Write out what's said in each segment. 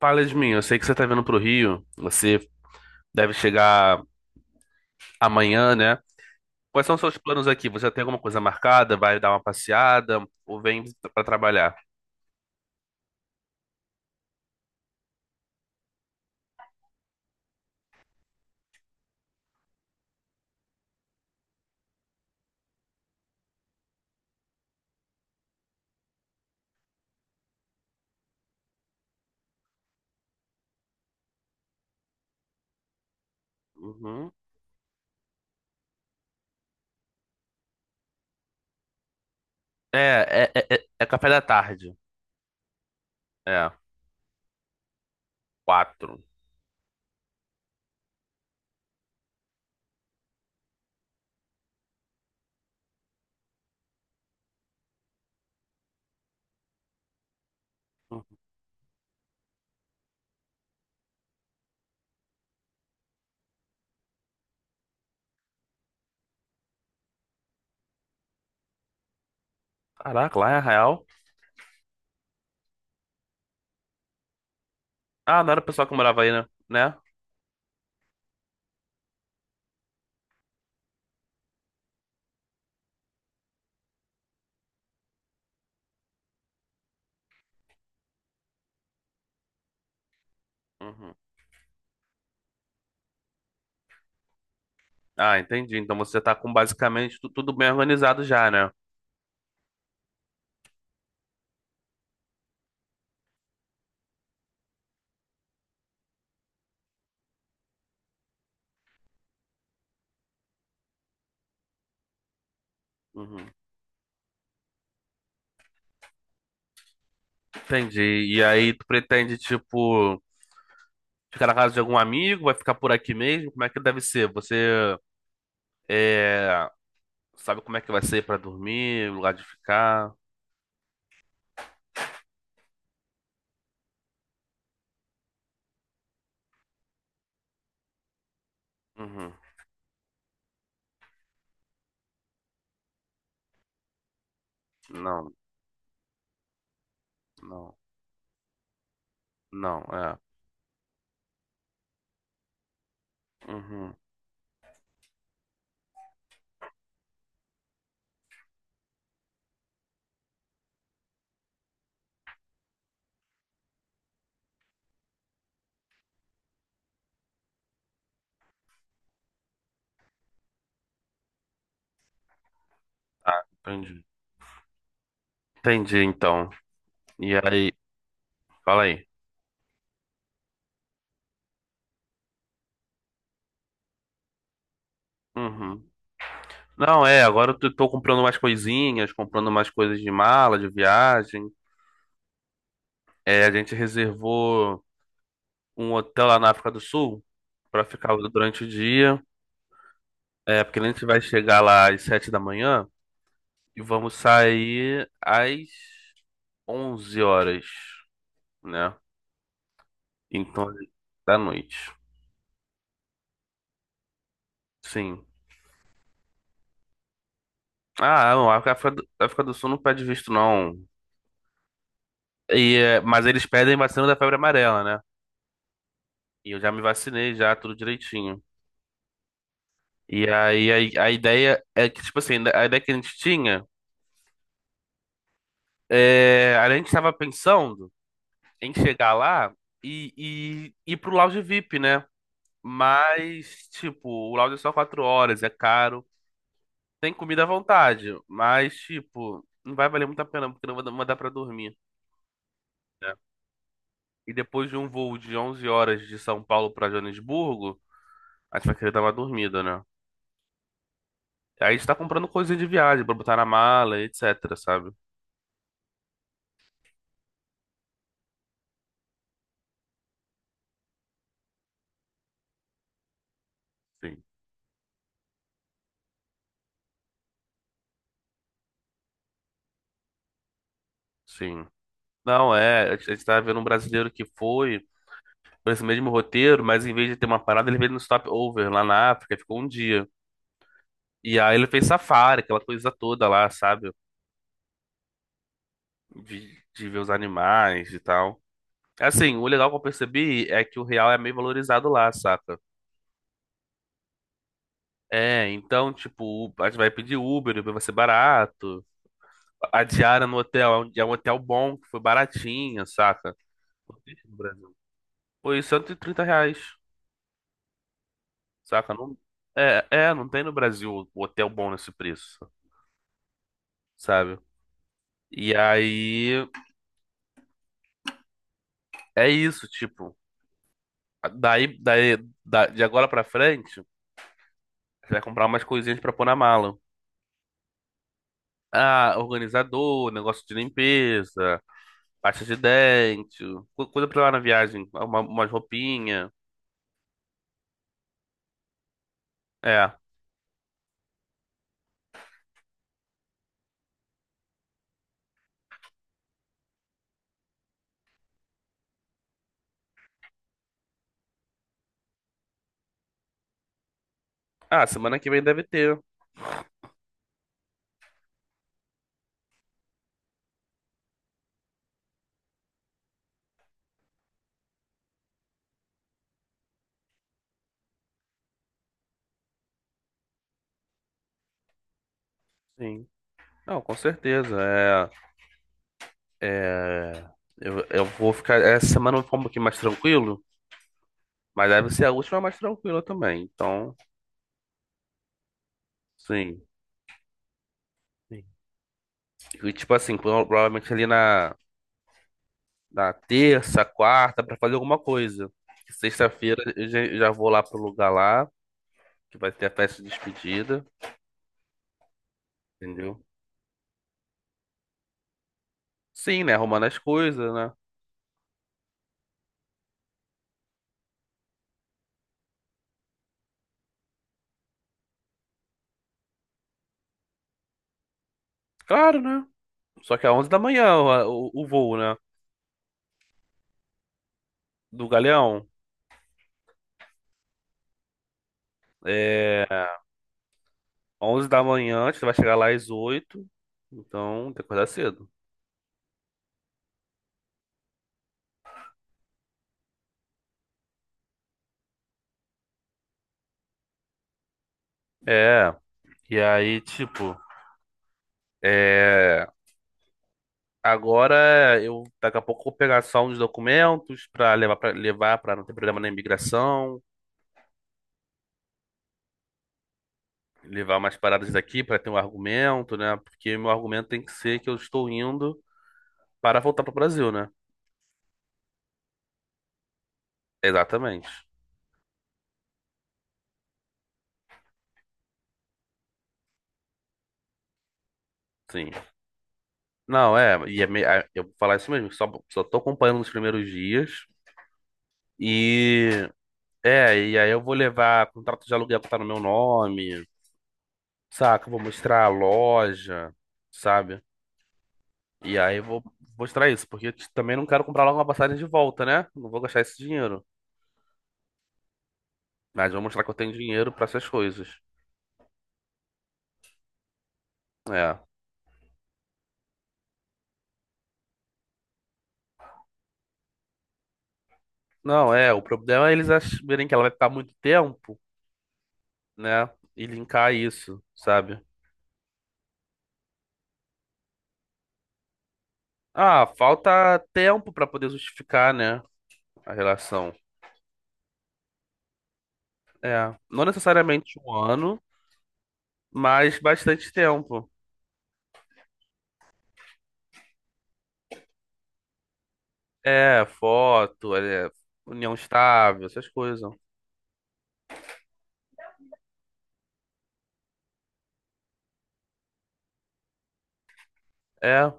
Fala de mim, eu sei que você tá vindo pro Rio, você deve chegar amanhã, né? Quais são os seus planos aqui? Você tem alguma coisa marcada? Vai dar uma passeada? Ou vem pra trabalhar? Uhum. É, é café da tarde. É, quatro. Uhum. Caraca, lá é Arraial? Ah, não era o pessoal que morava aí, né? Né? Uhum. Ah, entendi. Então você tá com basicamente tudo bem organizado já, né? Uhum. Entendi. E aí tu pretende, tipo, ficar na casa de algum amigo? Vai ficar por aqui mesmo? Como é que deve ser? Você. É, sabe como é que vai ser pra dormir, lugar de ficar? Uhum. Não, não, não, é. Uhum. Ah, entendi. Entendi, então. E aí, fala aí. Uhum. Não, é, agora eu tô comprando mais coisinhas, comprando mais coisas de mala, de viagem. É, a gente reservou um hotel lá na África do Sul pra ficar durante o dia. É, porque a gente vai chegar lá às 7 da manhã e vamos sair às 11 horas, né? Então, é da noite. Sim. Ah, não, a África do Sul não pede visto, não. E, é, mas eles pedem vacina da febre amarela, né? E eu já me vacinei, já, tudo direitinho. E aí a ideia é que, tipo assim, a ideia que a gente tinha, é, a gente estava pensando em chegar lá e, e ir pro lounge VIP, né? Mas, tipo, o lounge é só 4 horas, é caro. Tem comida à vontade, mas, tipo, não vai valer muito a pena, porque não vai mandar pra dormir, né? E depois de um voo de 11 horas de São Paulo pra Joanesburgo, a gente vai querer dar uma dormida, né? Aí a gente tá comprando coisinha de viagem pra botar na mala, etc, sabe? Sim, sim. Não, é, a gente tá vendo um brasileiro que foi por esse mesmo roteiro, mas em vez de ter uma parada, ele veio no stopover lá na África, ficou um dia. E aí ele fez safari, aquela coisa toda lá, sabe? De ver os animais e tal. Assim, o legal que eu percebi é que o real é meio valorizado lá, saca? É, então, tipo, a gente vai pedir Uber, Uber vai ser barato. A diária no hotel é um hotel bom, que foi baratinha, saca? Não tem no Brasil. Foi R$ 130, saca? Não, é, não tem no Brasil o hotel bom nesse preço, sabe? E aí, é isso, tipo. Daí, de agora pra frente, você vai comprar umas coisinhas pra pôr na mala. Ah, organizador, negócio de limpeza, pasta de dente, coisa pra lá na viagem, umas roupinhas. É. Ah, semana que vem deve ter. Sim. Não, com certeza. É, eu vou ficar. Essa semana eu vou ficar um pouquinho mais tranquilo, mas deve ser a última mais tranquila também. Então, sim. Sim. E tipo assim, provavelmente ali na terça, quarta, pra fazer alguma coisa. Sexta-feira eu já vou lá pro lugar lá, que vai ter a festa de despedida, entendeu? Sim, né? Arrumando as coisas, né? Claro, né? Só que é 11 da manhã o voo, né? Do Galeão. É. 11 da manhã, você vai chegar lá às 8, então tem que acordar cedo. É, e aí, tipo, é, agora eu daqui a pouco vou pegar só uns documentos pra levar para não ter problema na imigração, levar umas paradas daqui pra ter um argumento, né? Porque meu argumento tem que ser que eu estou indo para voltar pro Brasil, né? Exatamente. Sim. Não, é, e é, eu vou falar isso mesmo, só tô acompanhando nos primeiros dias. E, e aí eu vou levar contrato de aluguel que tá no meu nome, saca? Eu vou mostrar a loja, sabe? E aí eu vou mostrar isso, porque eu também não quero comprar logo uma passagem de volta, né? Não vou gastar esse dinheiro. Mas vou mostrar que eu tenho dinheiro pra essas coisas. É. Não, é, o problema é eles verem que ela vai ficar muito tempo, né? E linkar isso, sabe? Ah, falta tempo pra poder justificar, né? A relação. É, não necessariamente um ano, mas bastante tempo. É, foto, união estável, essas coisas. É.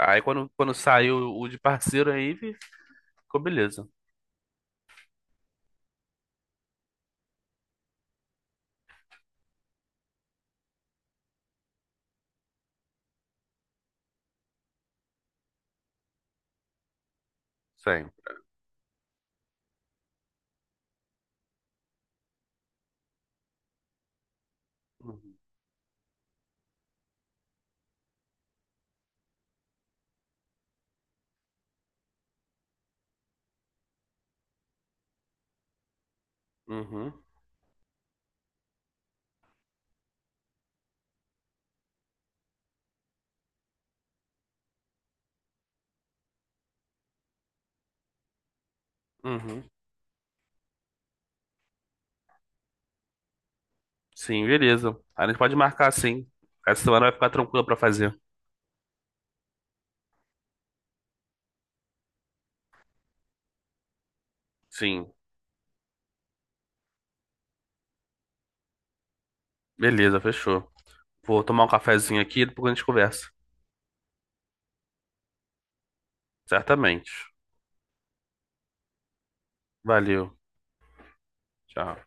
Aí quando saiu o de parceiro aí, ficou beleza. Sim. Uhum. Uhum. Uhum. Sim, beleza. A gente pode marcar sim. Essa semana vai ficar tranquila pra fazer. Sim. Beleza, fechou. Vou tomar um cafezinho aqui e depois a gente conversa. Certamente. Valeu. Tchau.